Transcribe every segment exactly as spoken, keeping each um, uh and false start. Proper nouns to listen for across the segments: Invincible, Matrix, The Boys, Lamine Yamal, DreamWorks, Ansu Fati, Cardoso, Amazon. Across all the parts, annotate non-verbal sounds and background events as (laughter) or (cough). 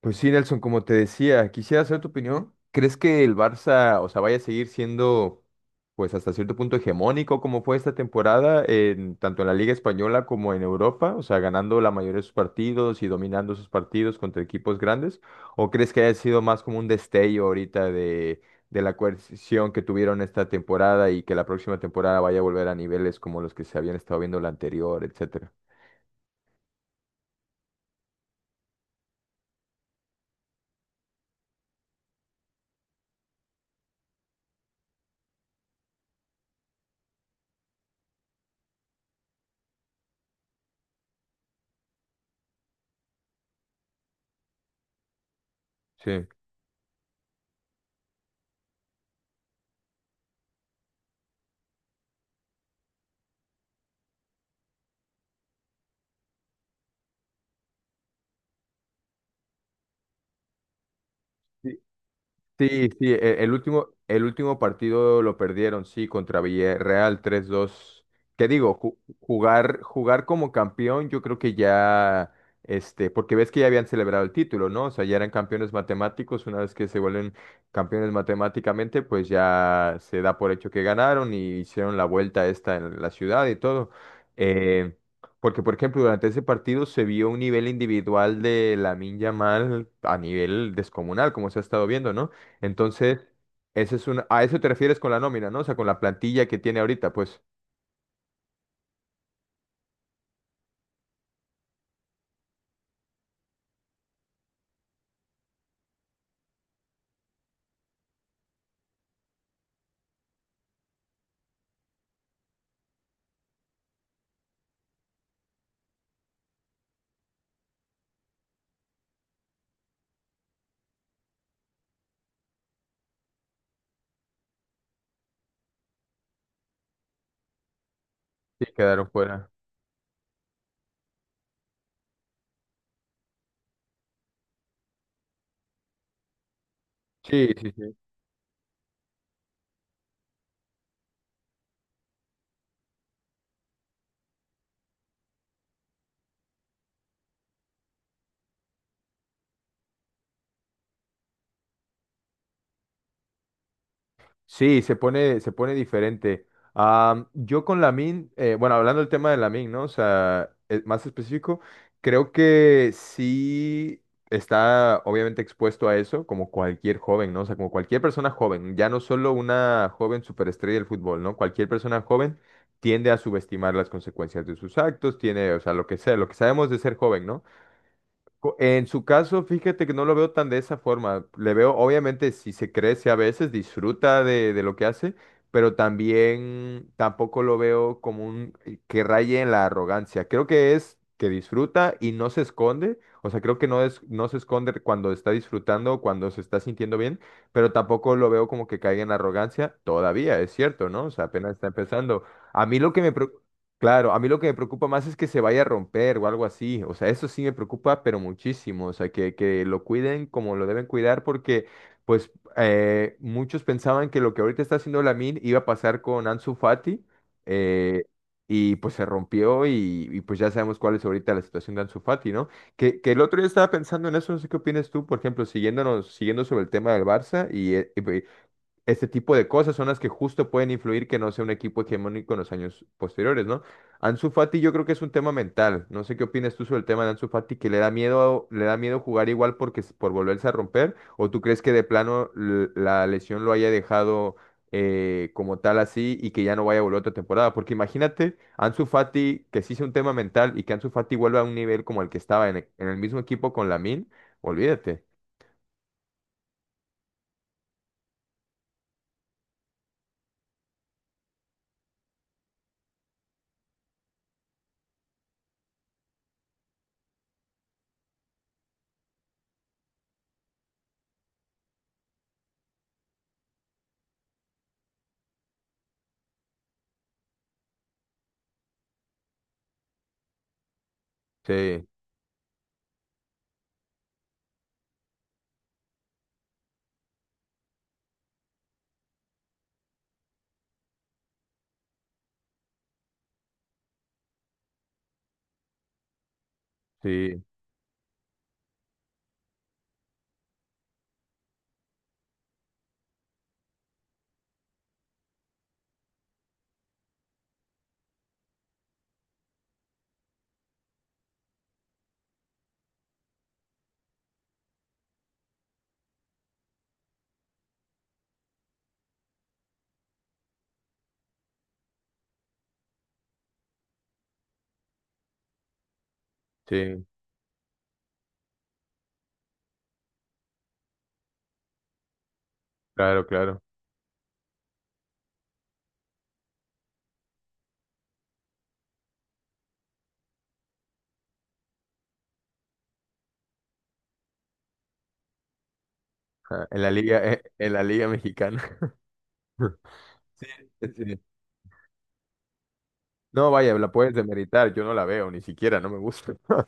Pues sí, Nelson, como te decía, quisiera saber tu opinión. ¿Crees que el Barça, o sea, vaya a seguir siendo, pues hasta cierto punto hegemónico como fue esta temporada, en, tanto en la Liga Española como en Europa? O sea, ganando la mayoría de sus partidos y dominando sus partidos contra equipos grandes. ¿O crees que haya sido más como un destello ahorita de, de la coerción que tuvieron esta temporada y que la próxima temporada vaya a volver a niveles como los que se habían estado viendo la anterior, etcétera? Sí. Sí, sí, e- el último, el último partido lo perdieron, sí, contra Villarreal tres dos. ¿Qué digo? Ju- jugar, jugar como campeón, yo creo que ya, este, porque ves que ya habían celebrado el título, ¿no? O sea, ya eran campeones matemáticos, una vez que se vuelven campeones matemáticamente, pues ya se da por hecho que ganaron y hicieron la vuelta esta en la ciudad y todo. Eh, Porque, por ejemplo, durante ese partido se vio un nivel individual de Lamine Yamal a nivel descomunal, como se ha estado viendo, ¿no? Entonces, ese es un, a eso te refieres con la nómina, ¿no? O sea, con la plantilla que tiene ahorita, pues. Sí, quedaron fuera. Sí, sí, sí. Sí, se pone, se pone diferente. Am, yo con Lamin, bueno, hablando del tema de Lamin, ¿no? O sea, eh, más específico, creo que sí está obviamente expuesto a eso, como cualquier joven, ¿no? O sea, como cualquier persona joven, ya no solo una joven superestrella del fútbol, ¿no? Cualquier persona joven tiende a subestimar las consecuencias de sus actos, tiene, o sea, lo que sea, lo que sabemos de ser joven, ¿no? Co- En su caso, fíjate que no lo veo tan de esa forma. Le veo, obviamente, si se crece a veces, disfruta de, de lo que hace, pero también tampoco lo veo como un eh, que raye en la arrogancia. Creo que es que disfruta y no se esconde. O sea, creo que no es, no se esconde cuando está disfrutando, cuando se está sintiendo bien, pero tampoco lo veo como que caiga en arrogancia todavía, es cierto, ¿no? O sea, apenas está empezando. A mí lo que me, pre- Claro, a mí lo que me preocupa más es que se vaya a romper o algo así. O sea, eso sí me preocupa, pero muchísimo. O sea, que, que lo cuiden como lo deben cuidar porque, pues, eh, muchos pensaban que lo que ahorita está haciendo Lamine iba a pasar con Ansu Fati eh, y pues se rompió y, y, pues ya sabemos cuál es ahorita la situación de Ansu Fati, ¿no? Que, que el otro día estaba pensando en eso, no sé qué opinas tú, por ejemplo, siguiéndonos, siguiendo sobre el tema del Barça y, este tipo de cosas son las que justo pueden influir que no sea un equipo hegemónico en los años posteriores, ¿no? Ansu Fati yo creo que es un tema mental. No sé qué opinas tú sobre el tema de Ansu Fati, que le da miedo, le da miedo jugar igual porque s- por volverse a romper, o tú crees que de plano l- la lesión lo haya dejado eh, como tal así y que ya no vaya a volver otra temporada. Porque imagínate, Ansu Fati, que sí sea un tema mental y que Ansu Fati vuelva a un nivel como el que estaba en, e- en el mismo equipo con Lamin, olvídate. Sí, sí, sí, claro, claro. Ah, En la liga, eh, en la liga mexicana. (laughs) Sí. No, vaya, la puedes demeritar, yo no la veo, ni siquiera, no me gusta. (laughs)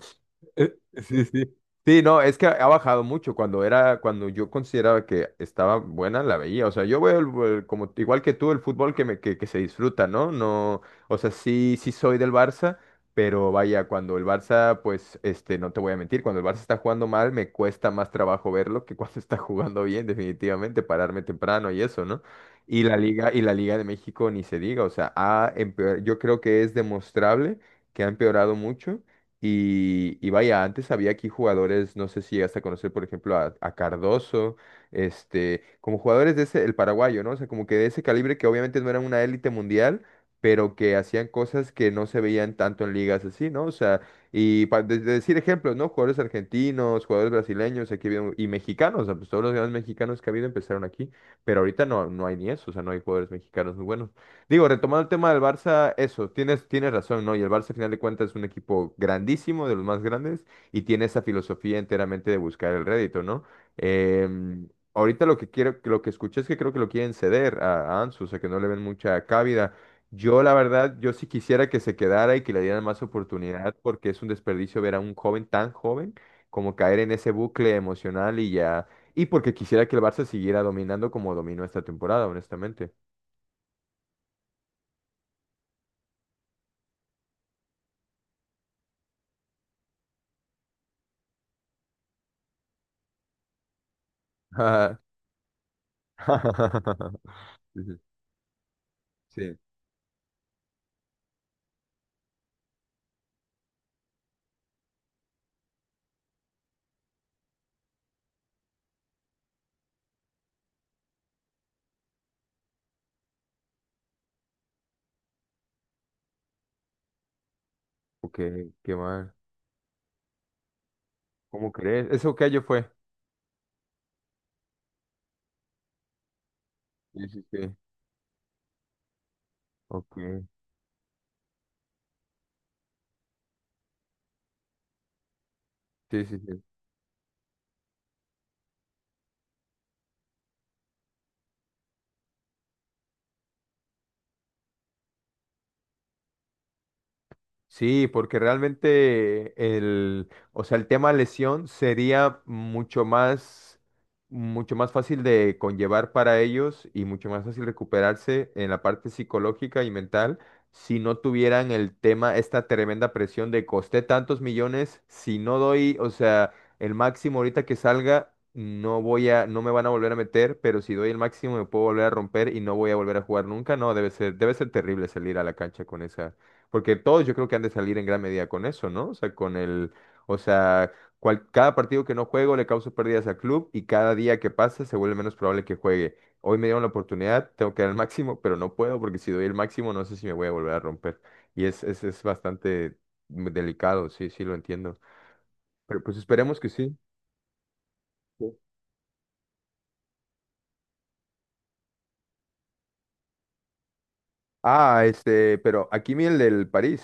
Eh, Sí, sí. Sí, no, es que ha bajado mucho. Cuando era, cuando yo consideraba que estaba buena, la veía. O sea, yo veo el- el- como igual que tú el fútbol que me que, que se disfruta, ¿no? No, o sea, sí, sí soy del Barça, pero vaya, cuando el Barça, pues, este, no te voy a mentir, cuando el Barça está jugando mal, me cuesta más trabajo verlo que cuando está jugando bien, definitivamente, pararme temprano y eso, ¿no? Y la Liga, y la Liga de México ni se diga, o sea, ha empeor- yo creo que es demostrable que ha empeorado mucho. Y, y vaya, antes había aquí jugadores, no sé si llegaste a conocer, por ejemplo, a, a Cardoso, este, como jugadores de ese, el paraguayo, ¿no? O sea, como que de ese calibre que obviamente no eran una élite mundial, pero que hacían cosas que no se veían tanto en ligas así, ¿no? O sea, y para decir ejemplos, ¿no? Jugadores argentinos, jugadores brasileños, aquí ha habido- y mexicanos, o sea, pues todos los grandes mexicanos que ha habido empezaron aquí. Pero ahorita no, no hay ni eso, o sea, no hay jugadores mexicanos muy buenos. Digo, retomando el tema del Barça, eso, tienes, tienes razón, ¿no? Y el Barça, al final de cuentas, es un equipo grandísimo, de los más grandes, y tiene esa filosofía enteramente de buscar el rédito, ¿no? Em, ahorita lo que quiero, lo que escuché es que creo que lo quieren ceder a, a Ansu, o sea, que no le ven mucha cabida. Yo, la verdad, yo sí quisiera que se quedara y que le dieran más oportunidad, porque es un desperdicio ver a un joven tan joven como caer en ese bucle emocional y ya y porque quisiera que el Barça siguiera dominando como dominó esta temporada, honestamente. (laughs) Sí, sí, sí. Ok, qué mal. ¿Cómo crees? ¿Eso qué año fue? Sí, sí, sí. Ok. Sí, sí, sí. Sí, porque realmente el, o sea, el tema lesión sería mucho más, mucho más, fácil de conllevar para ellos y mucho más fácil recuperarse en la parte psicológica y mental si no tuvieran el tema, esta tremenda presión de costé tantos millones, si no doy, o sea, el máximo ahorita que salga, no voy a, no me van a volver a meter, pero si doy el máximo me puedo volver a romper y no voy a volver a jugar nunca. No, debe ser, debe ser terrible salir a la cancha con esa porque todos yo creo que han de salir en gran medida con eso, ¿no? O sea, con el, o sea, cual- cada partido que no juego le causo pérdidas al club y cada día que pasa se vuelve menos probable que juegue. Hoy me dieron la oportunidad, tengo que dar el máximo, pero no puedo porque si doy el máximo no sé si me voy a volver a romper. Y es, es, es bastante delicado, sí, sí, lo entiendo. Pero pues esperemos que sí. Sí. Ah, este, pero aquí viene el del París.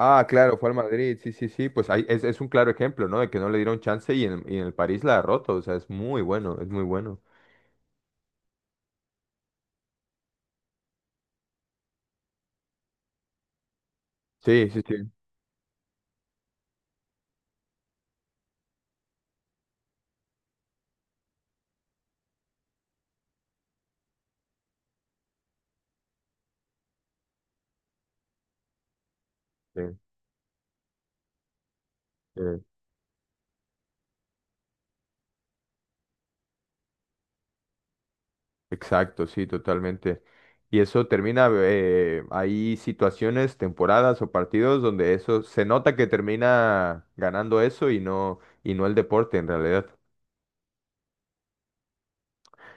Ah, claro, fue al Madrid, sí, sí, sí, pues ahí es, es un claro ejemplo, ¿no? De que no le dieron chance y en, y en el París la derrotó, o sea, es muy bueno, es muy bueno. Sí, sí, sí, sí, sí, exacto, sí, totalmente. Y eso termina, eh, hay situaciones, temporadas o partidos donde eso se nota que termina ganando eso y no, y no el deporte en realidad.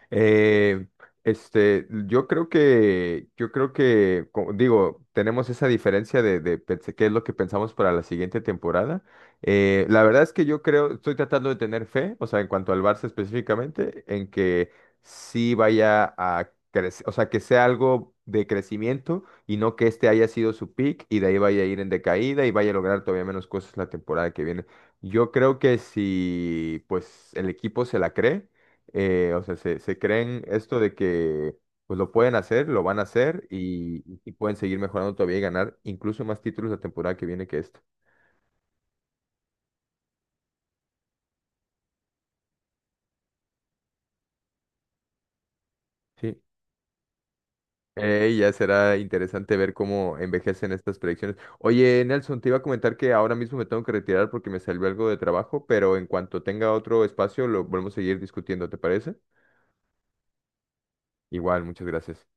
Eh, este, yo creo que, yo creo que, como digo, tenemos esa diferencia de, de pens- qué es lo que pensamos para la siguiente temporada. Eh, la verdad es que yo creo, estoy tratando de tener fe, o sea, en cuanto al Barça específicamente, en que sí vaya a crecer, o sea, que sea algo de crecimiento y no que este haya sido su peak y de ahí vaya a ir en decaída y vaya a lograr todavía menos cosas la temporada que viene. Yo creo que si, pues, el equipo se la cree eh, o sea, se, se creen esto de que pues lo pueden hacer, lo van a hacer y, y pueden seguir mejorando todavía y ganar incluso más títulos la temporada que viene que esta. Sí. Eh, ya será interesante ver cómo envejecen estas predicciones. Oye, Nelson, te iba a comentar que ahora mismo me tengo que retirar porque me salió algo de trabajo, pero en cuanto tenga otro espacio lo volvemos a seguir discutiendo, ¿te parece? Igual, muchas gracias.